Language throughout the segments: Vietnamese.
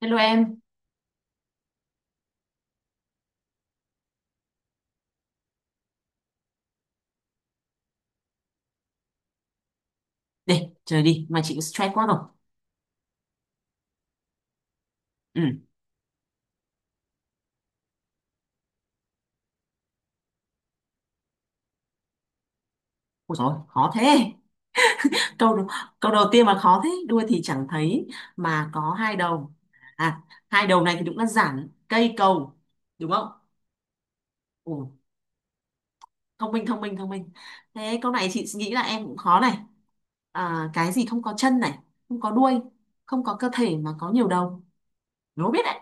Hello em, để chơi đi, mà chị stress quá rồi. Ừ, ôi dồi, khó thế. Câu câu đầu tiên mà khó thế, đuôi thì chẳng thấy mà có hai đầu. À, hai đầu này thì đúng là giản cây cầu, đúng không? Ồ, thông minh thông minh thông minh. Thế câu này chị nghĩ là em cũng khó này. À, cái gì không có chân này, không có đuôi, không có cơ thể mà có nhiều đầu. Đố biết đấy,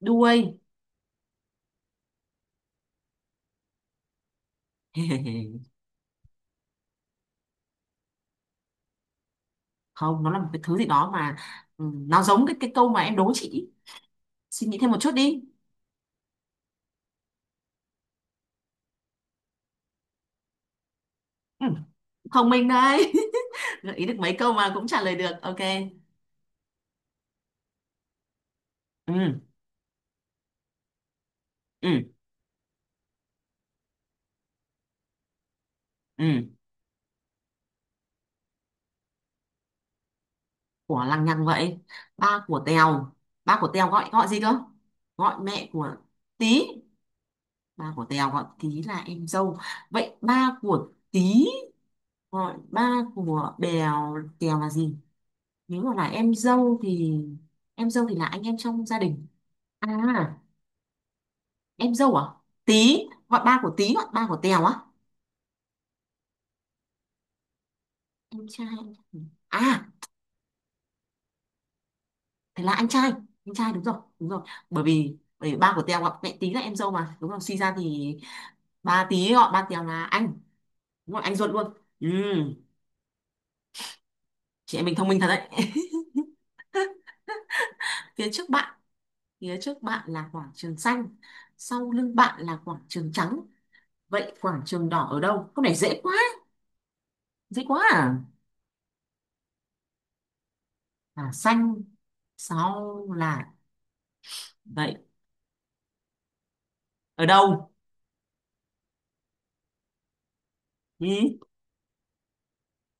đuôi. Không, nó là một cái thứ gì đó mà ừ, nó giống cái câu mà em đố chị. Suy nghĩ thêm một chút đi. Ừ, thông minh đấy. Gợi ý được mấy câu mà cũng trả lời được, ok. Ừ, ừ, ừ, của lằng nhằng vậy. Ba của Tèo, ba của Tèo gọi gọi gì cơ? Gọi mẹ của Tí, ba của Tèo gọi Tí là em dâu, vậy ba của Tí gọi ba của Bèo Tèo là gì? Nếu mà là em dâu thì là anh em trong gia đình. À, em dâu à, Tí gọi, ba của Tí gọi ba của Tèo á, em trai. À, thế là anh trai, anh trai đúng rồi đúng rồi. Bởi vì ba của Tèo ạ, mẹ tí là em dâu mà, đúng rồi, suy ra thì ba tí gọi ba Tèo là anh, đúng rồi, anh ruột luôn. Ừ, chị em mình thông minh thật đấy. Phía trước bạn, phía trước bạn là quảng trường xanh, sau lưng bạn là quảng trường trắng, vậy quảng trường đỏ ở đâu? Câu này dễ quá, dễ quá à? Là xanh, sau là, vậy ở đâu? Ừ,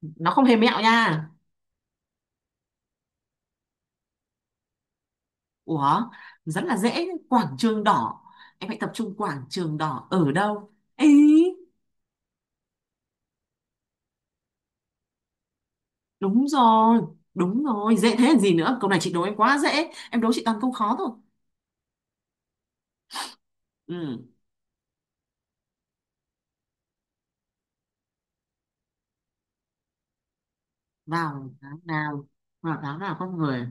nó không hề mẹo nha. Ủa, rất là dễ, quảng trường đỏ. Em hãy tập trung, quảng trường đỏ ở đâu? Ý, đúng rồi, đúng rồi, dễ thế làm gì nữa. Câu này chị đố em quá dễ, em đố chị toàn câu khó thôi. Ừ, vào tháng nào, vào tháng nào con người,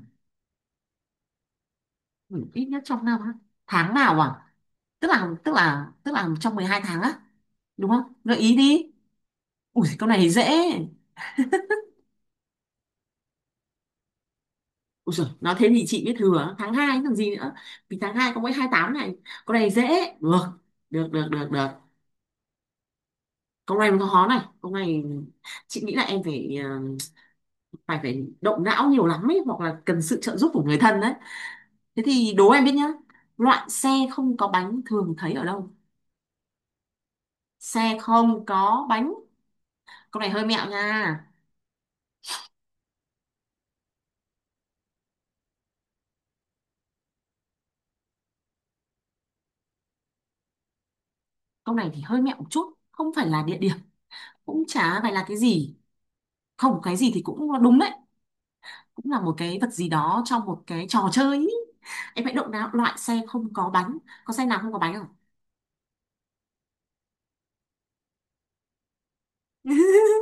ừ, ít nhất trong năm á. Tháng nào à? Tức là, tức là, tức là trong 12 tháng á, đúng không? Gợi ý đi. Ui câu này thì dễ. Ui giời, nói thế thì chị biết thừa, tháng 2 còn gì nữa. Vì tháng 2 có mỗi 28 này, câu này dễ. Được, được, được, được, được. Câu này nó khó này, câu này chị nghĩ là em phải phải phải động não nhiều lắm ấy, hoặc là cần sự trợ giúp của người thân đấy. Thế thì đố em biết nhá, loại xe không có bánh thường thấy ở đâu? Xe không có bánh. Câu này hơi mẹo nha, câu này thì hơi mẹo một chút, không phải là địa điểm, cũng chả phải là cái gì, không cái gì thì cũng đúng đấy, cũng là một cái vật gì đó trong một cái trò chơi ý. Em hãy động não, loại xe không có bánh, có xe nào không có bánh không?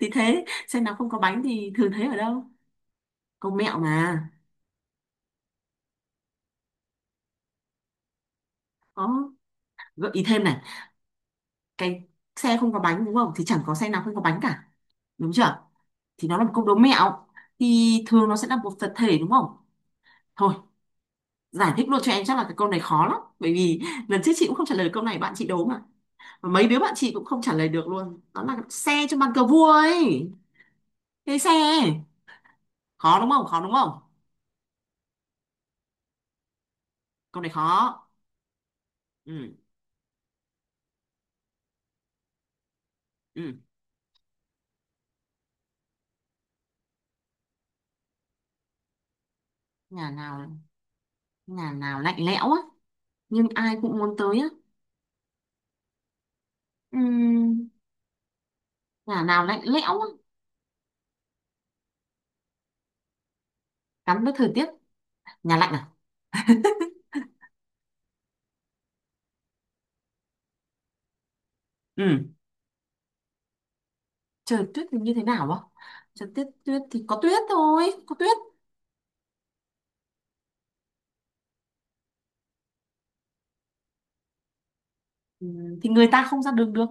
Thì thế xe nào không có bánh thì thường thấy ở đâu, công mẹo mà. Có gợi ý thêm này, cái xe không có bánh đúng không, thì chẳng có xe nào không có bánh cả, đúng chưa, thì nó là một câu đố mẹo, thì thường nó sẽ là một vật thể đúng không. Thôi giải thích luôn cho em, chắc là cái câu này khó lắm, bởi vì lần trước chị cũng không trả lời câu này, bạn chị đố mà, và mấy đứa bạn chị cũng không trả lời được luôn, đó là xe trong bàn cờ vua ấy. Cái xe, khó đúng không, khó đúng không? Câu này khó. Ừ, ừ, nhà nào, nhà nào lạnh lẽo á, nhưng ai cũng muốn tới á. Ừ, nhà nào lạnh lẽo á, gắn với thời tiết, nhà lạnh à. Ừ, trời tuyết thì như thế nào á, trời tuyết tuyết thì có tuyết thôi, có tuyết. Ừ, thì người ta không ra đường được.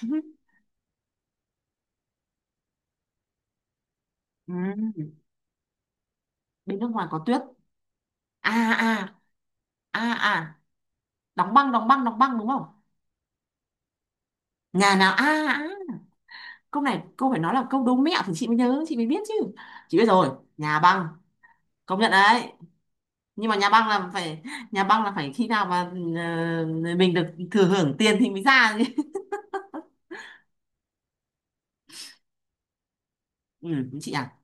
Ừ, bên nước ngoài có tuyết, à à à à, đóng băng đóng băng đóng băng, đúng không? Nhà nào à, à, câu này câu phải nói là câu đố mẹo thì chị mới nhớ chị mới biết chứ. Chị biết rồi, nhà băng, công nhận đấy. Nhưng mà nhà băng là phải, nhà băng là phải khi nào mà ờ, mình được thừa hưởng tiền thì mới ra chứ. Ừ, chị à,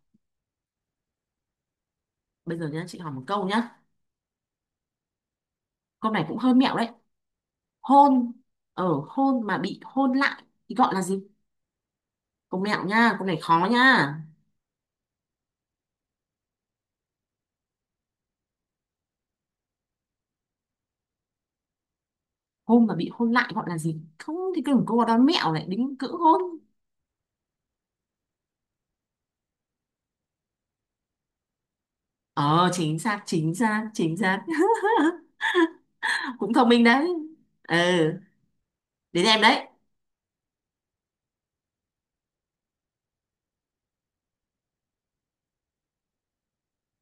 bây giờ nhá chị hỏi một câu nhá, câu này cũng hơi mẹo đấy. Hôn, ở hôn mà bị hôn lại thì gọi là gì? Câu mẹo nha, câu này khó nha. Hôn mà bị hôn lại gọi là gì, không thì cứ câu đó mẹo lại đính cữ hôn. Ờ, chính xác chính xác chính xác. Cũng thông minh đấy. Ừ, đến em đấy.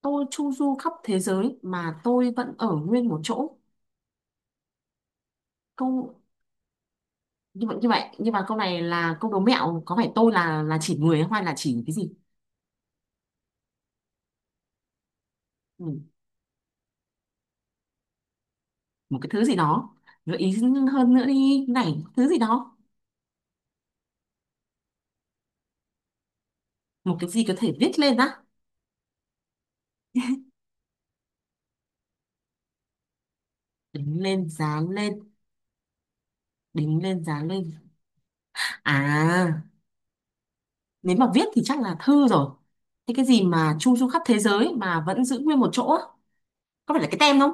Tôi chu du khắp thế giới mà tôi vẫn ở nguyên một chỗ. Câu như vậy như vậy, nhưng mà câu này là câu đố mẹo, có phải tôi là chỉ người hay là chỉ cái gì. Ừ, một cái thứ gì đó, gợi ý hơn nữa đi này, thứ gì đó. Một cái gì có thể viết lên á, đính lên dán lên, đính lên dán lên. À, nếu mà viết thì chắc là thư rồi, thế cái gì mà chu du khắp thế giới mà vẫn giữ nguyên một chỗ á? Có phải là cái tem không?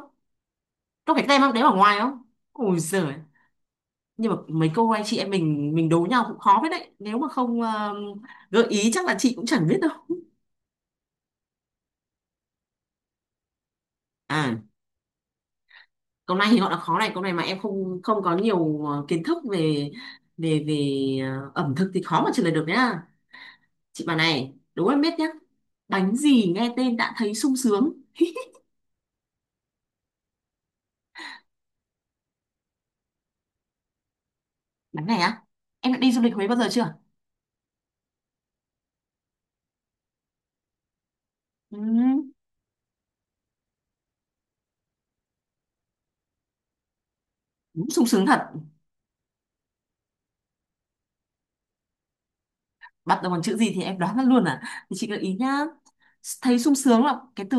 Có phải cái tem không đấy, ở ngoài không? Ôi giời. Nhưng mà mấy cô anh chị em mình đố nhau cũng khó với đấy, nếu mà không gợi ý chắc là chị cũng chẳng biết đâu. À, câu này thì họ đã khó này, câu này mà em không không có nhiều kiến thức về về về ẩm thực thì khó mà trả lời được nhá. Chị bà này đố em biết nhá, bánh gì nghe tên đã thấy sung sướng? Bánh này á, em đã đi du lịch Huế bao giờ chưa? Ừ, đúng sung sướng thật. Bắt đầu bằng chữ gì thì em đoán ra luôn à, thì chị gợi ý nhá, thấy sung sướng là cái từ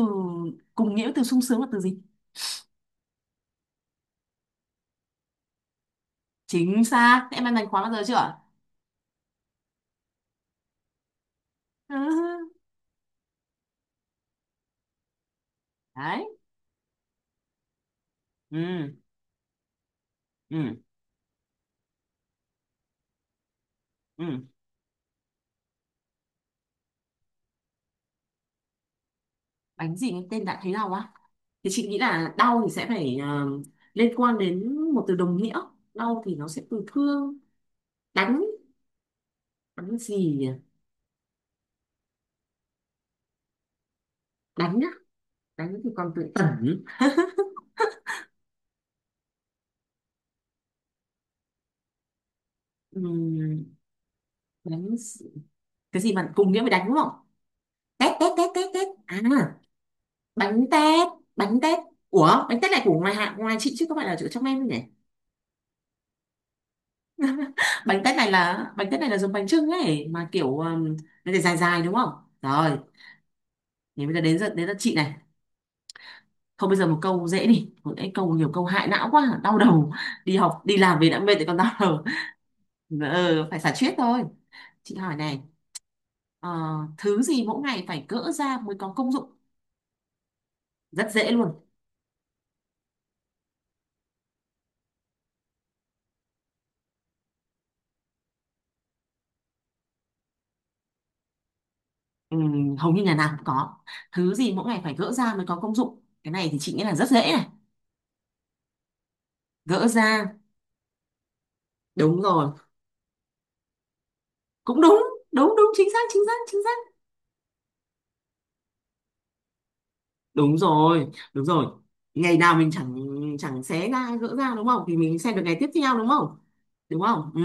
cùng nghĩa với từ sung sướng là từ gì? Chính xác, em ăn bánh khóa bao giờ chưa? Ừ, đấy. Ừ, ừ, ừ, bánh gì nghe tên đã thấy đau á? Thì chị nghĩ là đau thì sẽ phải, à, liên quan đến một từ đồng nghĩa, đau thì nó sẽ từ thương, đánh, đánh gì nhỉ? Đánh nhá, đánh thì còn từ tẩn. Ừm, đánh s-, cái gì mà cùng nghĩa với đánh đúng không, tét tét tét tét tét, à, bánh tét, bánh tét. Ủa bánh tét này của ngoài hạ ngoài chị chứ không phải là ở trong em đâu nhỉ? Bánh tét này là, bánh tét này là giống bánh chưng ấy mà kiểu nó để dài dài đúng không, rồi. Thì bây giờ đến lượt chị này, thôi bây giờ một câu dễ đi, một cái câu nhiều câu hại não quá đau đầu, đi học đi làm về đã mệt thì còn đau đầu. Ừ, phải xả stress thôi. Chị hỏi này, ờ, thứ gì mỗi ngày phải gỡ ra mới có công dụng? Rất dễ luôn. Ừ, hầu như nhà nào cũng có, thứ gì mỗi ngày phải gỡ ra mới có công dụng, cái này thì chị nghĩ là rất dễ này. Gỡ ra, đúng rồi. Cũng đúng, đúng đúng chính xác chính xác chính xác. Đúng rồi đúng rồi, ngày nào mình chẳng chẳng xé ra gỡ ra đúng không, thì mình xem được ngày tiếp theo đúng không? Đúng không? Ừ.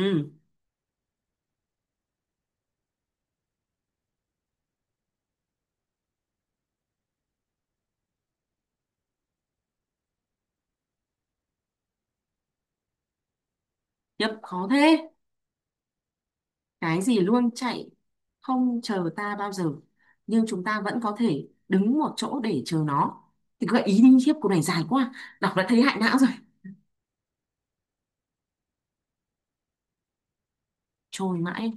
Nhật khó thế, cái gì luôn chạy không chờ ta bao giờ, nhưng chúng ta vẫn có thể đứng một chỗ để chờ nó. Thì gợi ý đi khiếp, cô này dài quá, đọc đã thấy hại não rồi. Trôi mãi,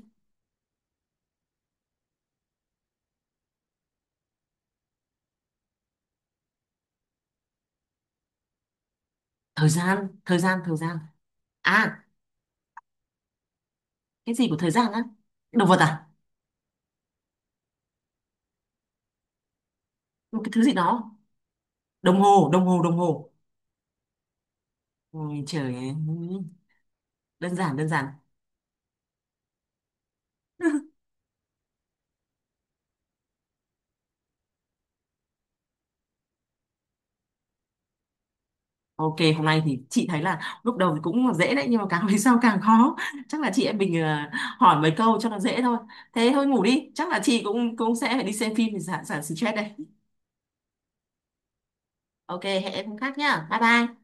thời gian, thời gian, thời gian. À, cái gì của thời gian á? Động vật à? Một cái thứ gì đó. Đồng hồ, đồng hồ, đồng hồ. Ôi trời ơi, đơn giản, đơn giản. Ừ, ok, hôm nay thì chị thấy là lúc đầu thì cũng là dễ đấy nhưng mà càng về sau càng khó. Chắc là chị em mình hỏi mấy câu cho nó dễ thôi. Thế thôi ngủ đi, chắc là chị cũng cũng sẽ phải đi xem phim để giảm giảm stress đây. Ok, hẹn em hôm khác nhá. Bye bye.